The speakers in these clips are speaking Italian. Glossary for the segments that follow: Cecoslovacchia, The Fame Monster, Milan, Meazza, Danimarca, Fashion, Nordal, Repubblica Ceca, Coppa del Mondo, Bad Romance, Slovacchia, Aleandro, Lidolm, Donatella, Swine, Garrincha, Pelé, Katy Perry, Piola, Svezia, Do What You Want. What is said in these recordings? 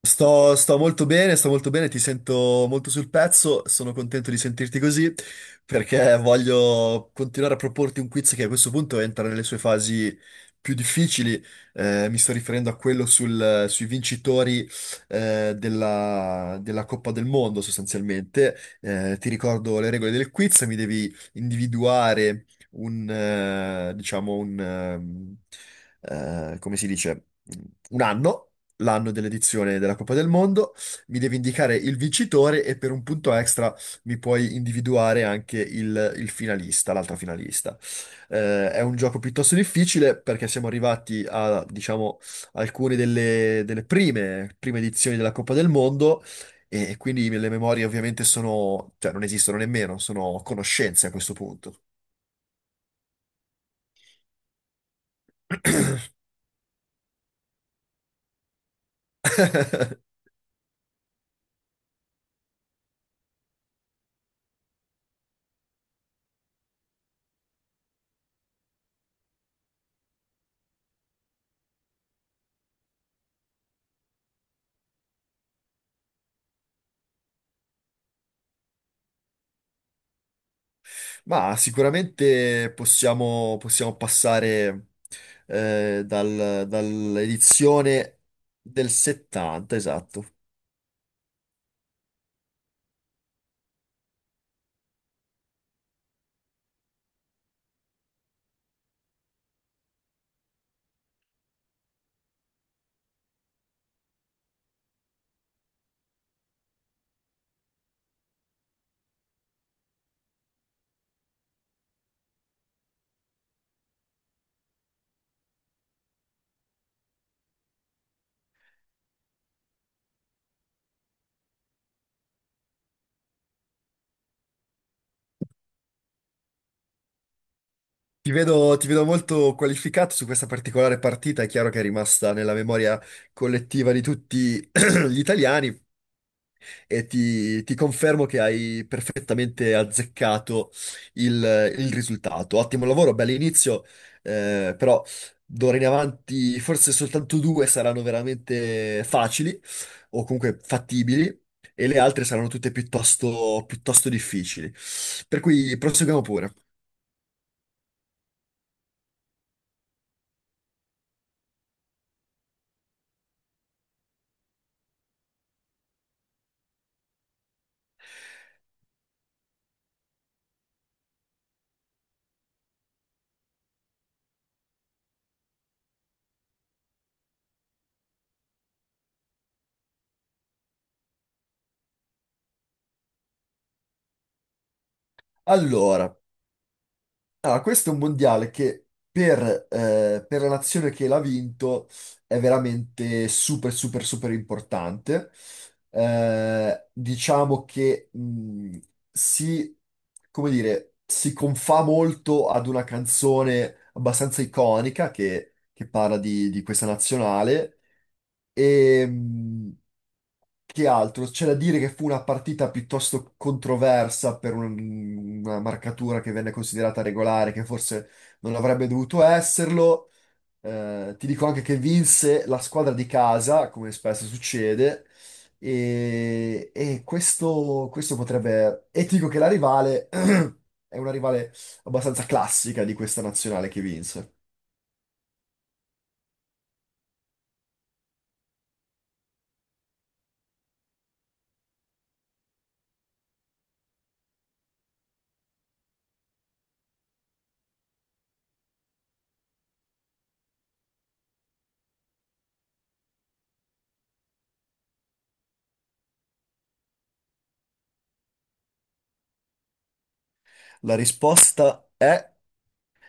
Sto, sto molto bene, ti sento molto sul pezzo, sono contento di sentirti così perché voglio continuare a proporti un quiz che a questo punto entra nelle sue fasi più difficili. Mi sto riferendo a sui vincitori della Coppa del Mondo sostanzialmente. Ti ricordo le regole del quiz, mi devi individuare diciamo, come si dice, un anno l'anno dell'edizione della Coppa del Mondo, mi devi indicare il vincitore e per un punto extra mi puoi individuare anche il finalista, l'altra finalista. È un gioco piuttosto difficile perché siamo arrivati a, diciamo, alcune delle prime, prime edizioni della Coppa del Mondo. E quindi le memorie ovviamente sono, cioè non esistono nemmeno, sono conoscenze a questo punto. Ma sicuramente possiamo passare dall'edizione del 70, esatto. Ti vedo molto qualificato su questa particolare partita, è chiaro che è rimasta nella memoria collettiva di tutti gli italiani. E ti confermo che hai perfettamente azzeccato il, il risultato. Ottimo lavoro, bell'inizio, però d'ora in avanti forse soltanto due saranno veramente facili o comunque fattibili e le altre saranno tutte piuttosto, piuttosto difficili. Per cui proseguiamo pure. Allora, Questo è un mondiale che per, per la nazione che l'ha vinto è veramente super, super, super importante. Diciamo che si, come dire, si confà molto ad una canzone abbastanza iconica che parla di questa nazionale. E, mh, che altro? C'è da dire che fu una partita piuttosto controversa per una marcatura che venne considerata regolare, che forse non avrebbe dovuto esserlo. Ti dico anche che vinse la squadra di casa, come spesso succede, e questo potrebbe... E ti dico che la rivale è una rivale abbastanza classica di questa nazionale che vinse. La risposta è...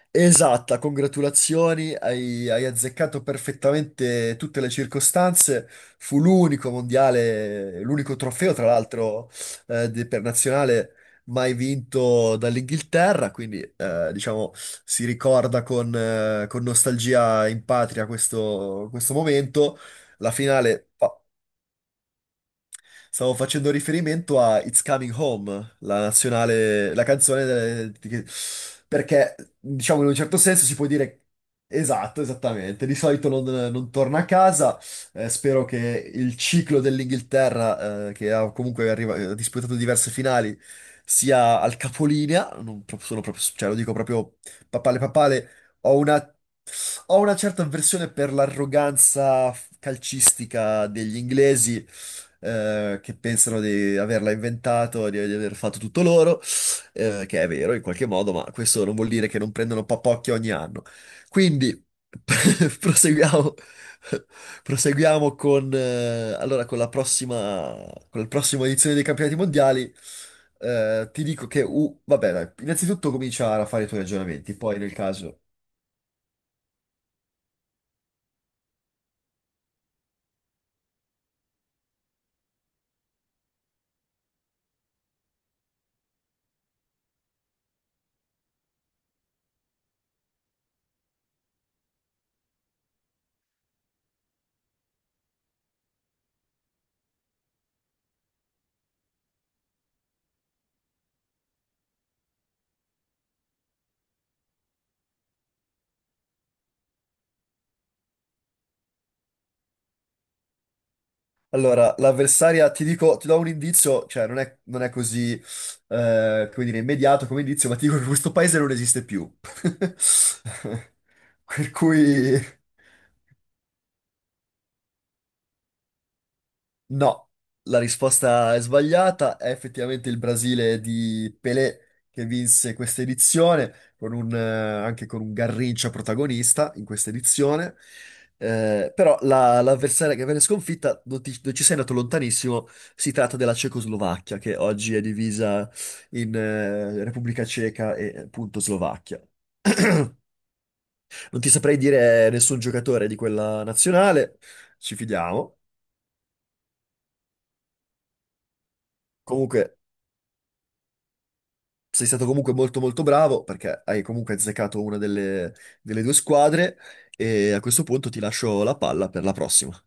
Esatta, congratulazioni, hai azzeccato perfettamente tutte le circostanze. Fu l'unico mondiale, l'unico trofeo, tra l'altro, per nazionale mai vinto dall'Inghilterra, quindi diciamo si ricorda con nostalgia in patria questo momento. La finale. Stavo facendo riferimento a It's Coming Home, la nazionale, la canzone delle- di che- perché, diciamo, in un certo senso si può dire esatto, esattamente. Di solito non torna a casa. Spero che il ciclo dell'Inghilterra, che ha comunque arriva- ha disputato diverse finali, sia al capolinea. Non pro- Sono proprio, cioè, lo dico proprio papale papale. Ho una, Ho una certa avversione per l'arroganza calcistica degli inglesi che pensano di averla inventato, di aver fatto tutto loro, che è vero in qualche modo, ma questo non vuol dire che non prendono papocchio ogni anno. Quindi proseguiamo, proseguiamo con, con la prossima edizione dei campionati mondiali. Ti dico che, vabbè, dai, innanzitutto comincia a fare i tuoi ragionamenti, poi nel caso... Allora, l'avversaria, ti dico, ti do un indizio, cioè non è così, come dire, immediato come indizio, ma ti dico che questo paese non esiste più. Per cui... No, la risposta è sbagliata. È effettivamente il Brasile di Pelé che vinse questa edizione, con anche con un Garrincha protagonista in questa edizione. Però l'avversaria che venne sconfitta non ci sei andato lontanissimo. Si tratta della Cecoslovacchia, che oggi è divisa in Repubblica Ceca e appunto Slovacchia. Non ti saprei dire nessun giocatore di quella nazionale, ci fidiamo. Comunque, sei stato comunque molto molto bravo perché hai comunque azzeccato una delle due squadre e a questo punto ti lascio la palla per la prossima.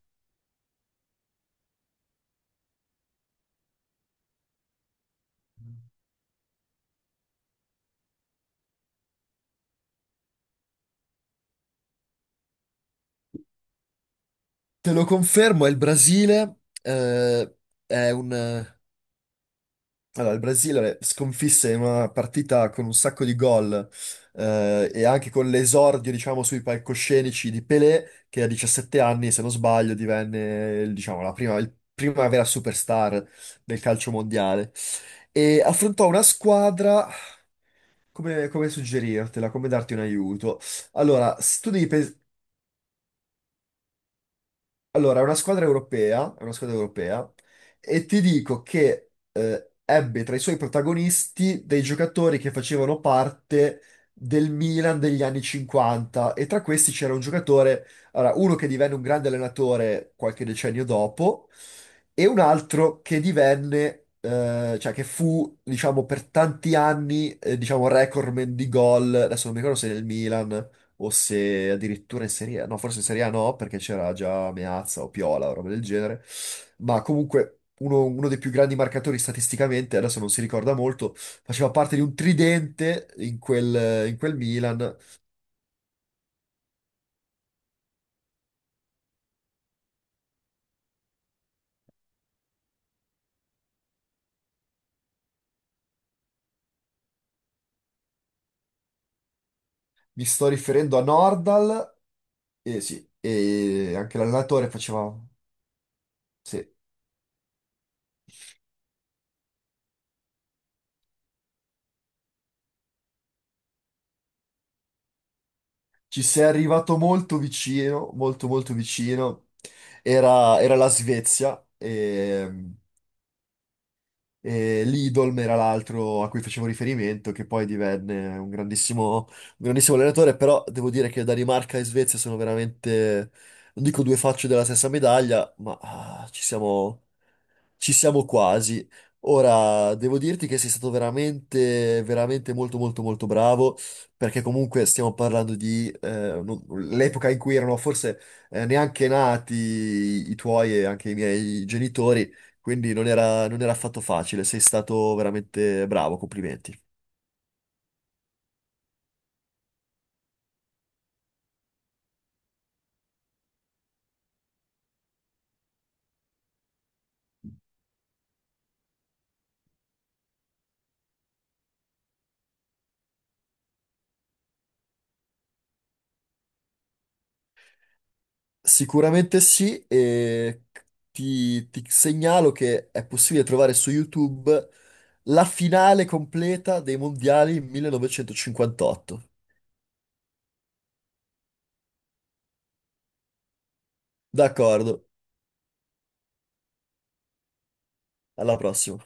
Te lo confermo, è il Brasile, è un... eh, il Brasile sconfisse in una partita con un sacco di gol e anche con l'esordio, diciamo, sui palcoscenici di Pelé, che a 17 anni, se non sbaglio, divenne, diciamo, prima vera superstar del calcio mondiale. E affrontò una squadra. Come, come suggerirtela, come darti un aiuto? Allora, s- tu devi, pes- allora, è una squadra europea, è una squadra europea, e ti dico che ebbe tra i suoi protagonisti dei giocatori che facevano parte del Milan degli anni 50 e tra questi c'era un giocatore, allora, uno che divenne un grande allenatore qualche decennio dopo e un altro che divenne, cioè che fu, diciamo, per tanti anni, diciamo, recordman di gol, adesso non mi ricordo se nel Milan o se addirittura in Serie A, no, forse in Serie A no, perché c'era già Meazza o Piola o roba del genere, ma comunque uno dei più grandi marcatori statisticamente, adesso non si ricorda molto, faceva parte di un tridente in in quel Milan. Mi sto riferendo a Nordal, e sì, e anche l'allenatore faceva... Sì, ci sei arrivato molto vicino, molto molto vicino. Era la Svezia. E Lidolm era l'altro a cui facevo riferimento, che poi divenne un grandissimo allenatore, però devo dire che Danimarca e Svezia sono veramente, non dico due facce della stessa medaglia, ma ah, ci siamo quasi. Ora, devo dirti che sei stato veramente, veramente molto, molto, molto bravo, perché comunque stiamo parlando di l'epoca in cui erano forse neanche nati i tuoi e anche i miei genitori, quindi non era affatto facile. Sei stato veramente bravo, complimenti. Sicuramente sì, e ti segnalo che è possibile trovare su YouTube la finale completa dei mondiali 1958. D'accordo, alla prossima.